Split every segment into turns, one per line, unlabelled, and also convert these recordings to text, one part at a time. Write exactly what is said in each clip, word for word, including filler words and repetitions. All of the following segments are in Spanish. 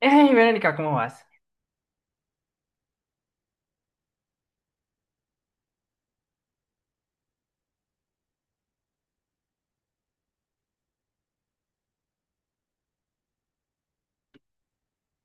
Hey, Verónica, ¿cómo vas?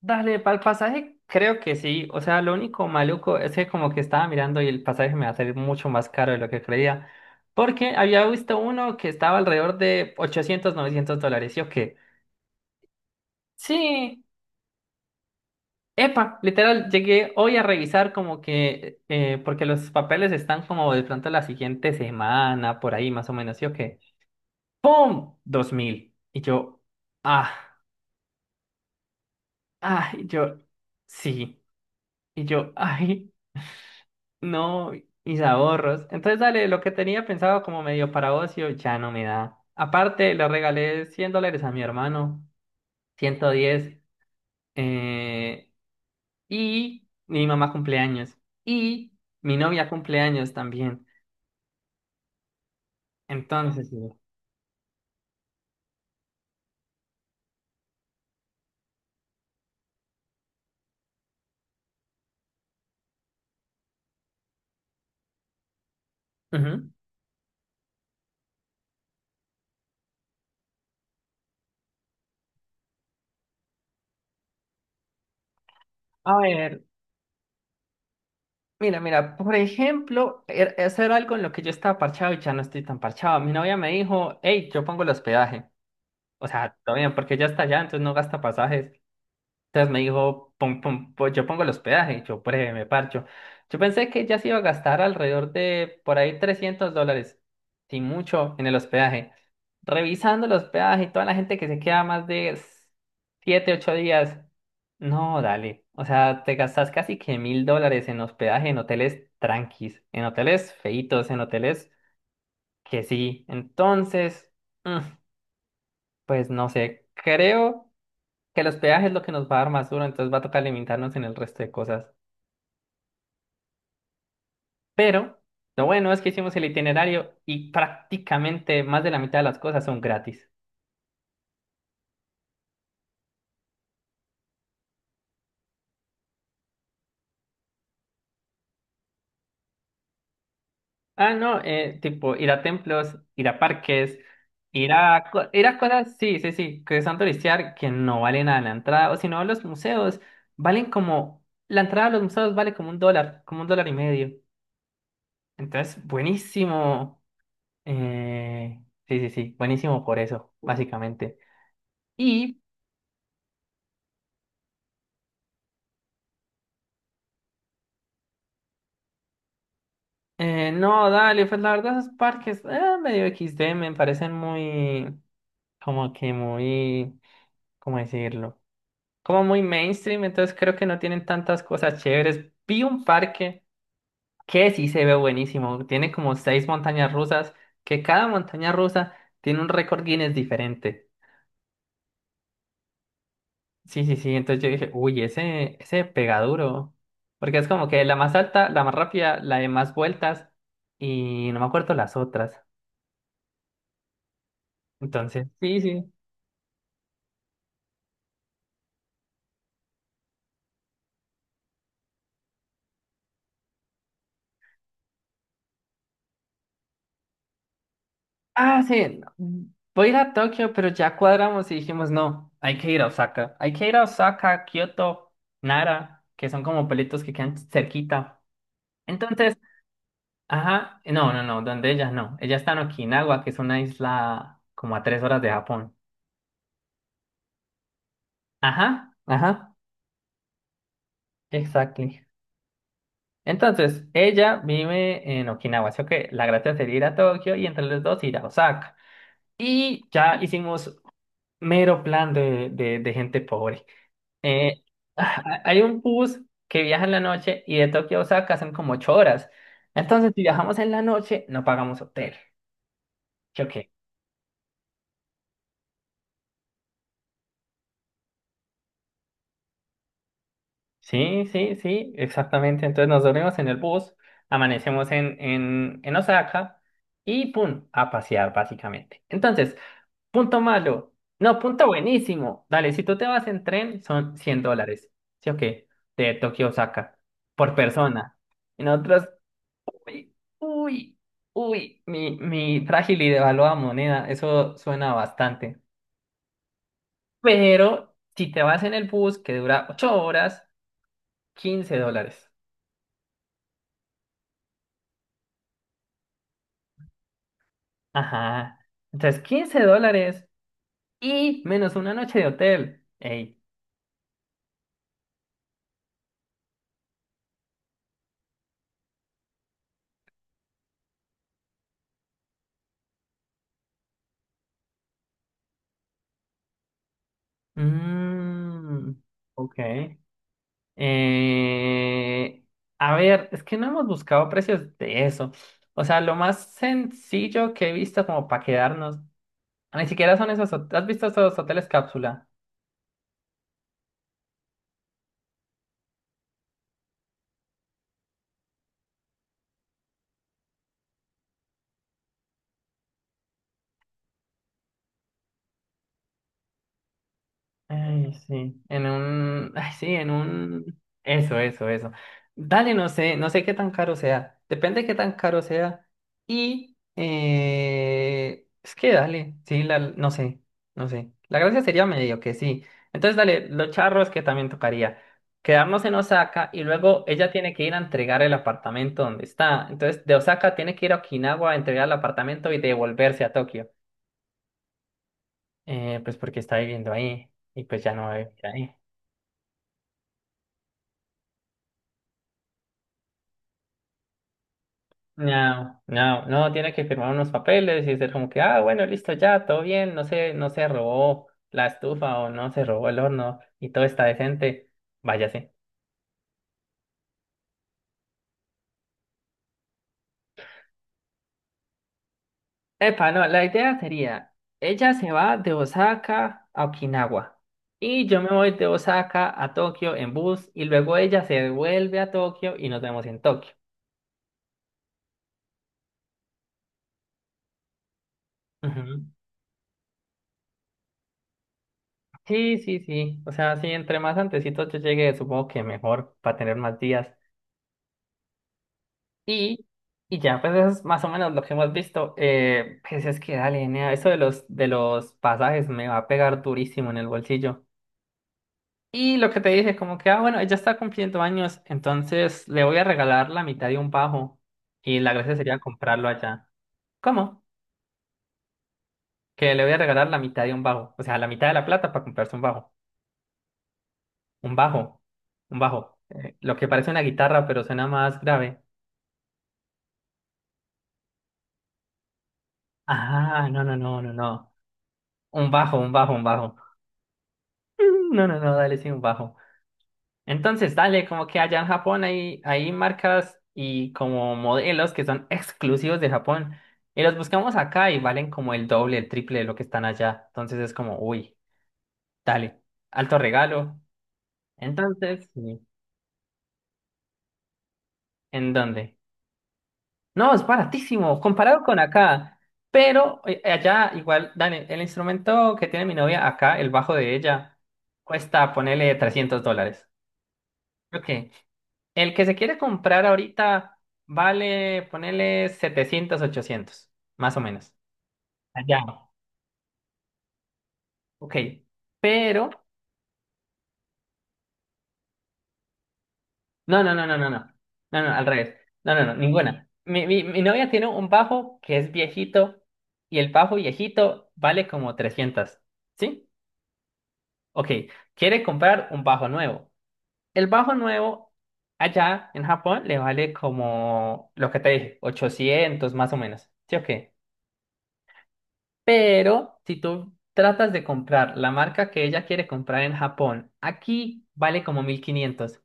Dale, para el pasaje creo que sí. O sea, lo único maluco es que como que estaba mirando y el pasaje me va a salir mucho más caro de lo que creía. Porque había visto uno que estaba alrededor de ochocientos, novecientos dólares. ¿Yo qué? Sí. Epa, literal, llegué hoy a revisar como que, eh, porque los papeles están como de pronto la siguiente semana, por ahí más o menos. ¿Yo qué? ¡Pum! Dos mil. Y yo, ah, ah, y yo, sí. Y yo, ay. No, mis ahorros. Entonces, dale, lo que tenía pensado como medio para ocio ya no me da. Aparte, le regalé cien dólares a mi hermano, ciento diez, eh, y mi mamá cumpleaños, y mi novia cumpleaños también. Entonces, ujú. A ver, mira, mira, por ejemplo, er- eso era algo en lo que yo estaba parchado y ya no estoy tan parchado. Mi novia me dijo, hey, yo pongo el hospedaje. O sea, todo bien, porque ya está allá, entonces no gasta pasajes. Entonces me dijo, pon- pon- pon- yo pongo el hospedaje, yo breve, me parcho. Yo pensé que ya se iba a gastar alrededor de por ahí trescientos dólares, sin mucho, en el hospedaje. Revisando el hospedaje y toda la gente que se queda más de siete, ocho días, no, dale. O sea, te gastas casi que mil dólares en hospedaje, en hoteles tranquis, en hoteles feitos, en hoteles que sí. Entonces, mm, pues no sé, creo que los peajes es lo que nos va a dar más duro, entonces va a tocar limitarnos en el resto de cosas. Pero lo bueno es que hicimos el itinerario y prácticamente más de la mitad de las cosas son gratis. Ah, no, eh, tipo ir a templos, ir a parques, ir a, co- ir a cosas, sí, sí, sí, que son turistear, que no valen nada la entrada, o si no, los museos valen como, la entrada a los museos vale como un dólar, como un dólar y medio. Entonces, buenísimo. Eh, sí, sí, sí, buenísimo por eso, básicamente. y Eh, no, dale, pues la verdad esos parques eh, medio equis de me parecen muy, como que muy, ¿cómo decirlo? Como muy mainstream, entonces creo que no tienen tantas cosas chéveres. Vi un parque que sí se ve buenísimo, tiene como seis montañas rusas, que cada montaña rusa tiene un récord Guinness diferente. Sí, sí, sí, entonces yo dije, uy, ese, ese pega duro, porque es como que la más alta, la más rápida, la de más vueltas y no me acuerdo las otras. Entonces, sí, sí. Ah, sí, no, voy a ir a Tokio, pero ya cuadramos y dijimos, no, hay que ir a Osaka. Hay que ir a Osaka, Kioto, Nara, que son como pueblitos que quedan cerquita. Entonces, ajá, no, no, no, donde ella no. Ella está en Okinawa, que es una isla como a tres horas de Japón. Ajá, ajá, exactly. Entonces, ella vive en Okinawa, así que la gracia sería ir a Tokio y entre los dos ir a Osaka. Y ya hicimos mero plan de, de de gente pobre. Eh, ah, hay un bus que viaja en la noche y de Tokio a Osaka son como ocho horas. Entonces, si viajamos en la noche, no pagamos hotel. ¿Yo qué? Sí, sí, sí, exactamente. Entonces nos dormimos en el bus, amanecemos en, en, en Osaka y ¡pum! A pasear básicamente. Entonces, punto malo. No, punto buenísimo. Dale, si tú te vas en tren, son cien dólares. ¿Sí o qué? De Tokio a Osaka por persona. Y nosotros. Uy, uy, uy, mi, mi frágil y devaluada moneda, eso suena bastante. Pero si te vas en el bus que dura ocho horas, quince dólares. Ajá. Entonces, quince dólares y menos una noche de hotel. Ey. Mm, ok. Eh, a ver, es que no hemos buscado precios de eso. O sea, lo más sencillo que he visto como para quedarnos, ni siquiera son esos. hot- ¿Has visto esos hoteles cápsula? Ay, sí, en un, ay, sí, en un, eso, eso, eso. Dale, no sé, no sé qué tan caro sea, depende de qué tan caro sea y eh... es que dale, sí, la. No sé, no sé. La gracia sería medio que sí. Entonces, dale, los charros que también tocaría. Quedarnos en Osaka y luego ella tiene que ir a entregar el apartamento donde está. Entonces, de Osaka tiene que ir a Okinawa a entregar el apartamento y devolverse a Tokio, eh, pues porque está viviendo ahí y pues ya no va a vivir ahí. No, no, no, tiene que firmar unos papeles y ser como que, ah, bueno, listo, ya, todo bien, no se, no se robó la estufa o no se robó el horno y todo está decente, váyase. Epa, no, la idea sería, ella se va de Osaka a Okinawa y yo me voy de Osaka a Tokio en bus y luego ella se vuelve a Tokio y nos vemos en Tokio. Ujú. Sí, sí, sí, o sea, sí, entre más antecitos yo llegue, supongo que mejor, para tener más días. Y, y ya, pues eso es más o menos lo que hemos visto. Eh, pues es que dale, nea, eso de los, de los pasajes me va a pegar durísimo en el bolsillo. Y lo que te dije, como que, ah, bueno, ella está cumpliendo años, entonces le voy a regalar la mitad de un bajo. Y la gracia sería comprarlo allá. ¿Cómo? Que le voy a regalar la mitad de un bajo. O sea, la mitad de la plata para comprarse un bajo. Un bajo. Un bajo. Eh, lo que parece una guitarra, pero suena más grave. Ah, no, no, no, no, no. Un bajo, un bajo, un bajo. No, no, no, dale sin bajo. Entonces, dale, como que allá en Japón hay, hay marcas y como modelos que son exclusivos de Japón. Y los buscamos acá y valen como el doble, el triple de lo que están allá. Entonces es como, uy, dale, alto regalo. Entonces, sí, ¿en dónde? No, es baratísimo, comparado con acá. Pero eh, allá, igual, dale, el instrumento que tiene mi novia acá, el bajo de ella, cuesta, ponele trescientos dólares. Ok. El que se quiere comprar ahorita vale, ponele setecientos ochocientos más o menos. Allá. Ok. Pero, no, no, no, no, no, no. No, no, al revés. No, no, no, ninguna. Mi, mi, mi novia tiene un bajo que es viejito y el bajo viejito vale como trescientos. ¿Sí? Ok. Quiere comprar un bajo nuevo. El bajo nuevo allá en Japón le vale como lo que te dije, ochocientos más o menos. ¿Sí o qué? Pero si tú tratas de comprar la marca que ella quiere comprar en Japón, aquí vale como mil quinientos.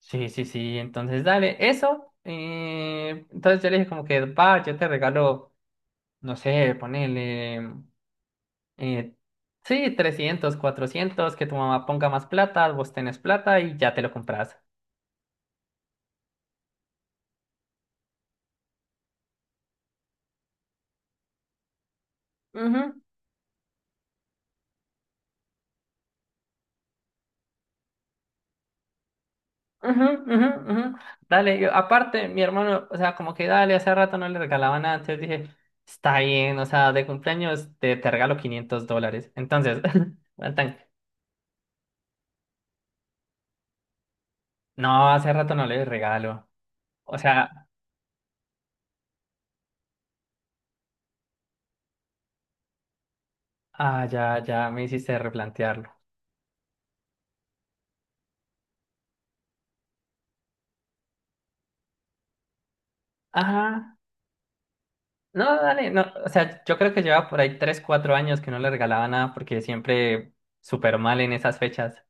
Sí, sí, sí, entonces dale, eso. eh, entonces yo le dije como que, va, yo te regalo, no sé, ponele, eh, sí, trescientos, cuatrocientos, que tu mamá ponga más plata, vos tenés plata y ya te lo compras. Ujú. Ujú, ujú, ujú. Dale, yo, aparte, mi hermano, o sea, como que dale, hace rato no le regalaba nada, entonces dije, está bien, o sea, de cumpleaños te, te regalo quinientos dólares. Entonces, Nathan, no, hace rato no le regalo. O sea, ah, ya, ya me hiciste replantearlo. Ajá, no, dale, no, o sea, yo creo que lleva por ahí tres cuatro años que no le regalaba nada porque siempre súper mal en esas fechas.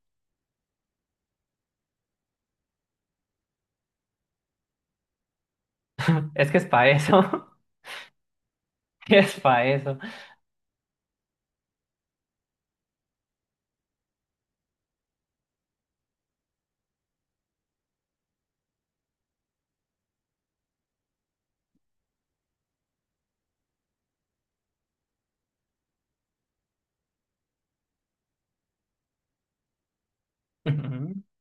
Es que es para eso, es para eso.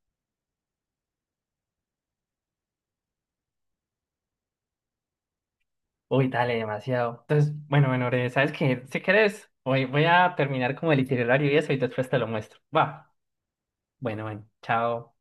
Uy, dale, demasiado. Entonces, bueno, bueno, Ore, ¿sabes qué? Si querés, voy, voy a terminar como el itinerario y eso y después te lo muestro. Va. Bueno, bueno, chao.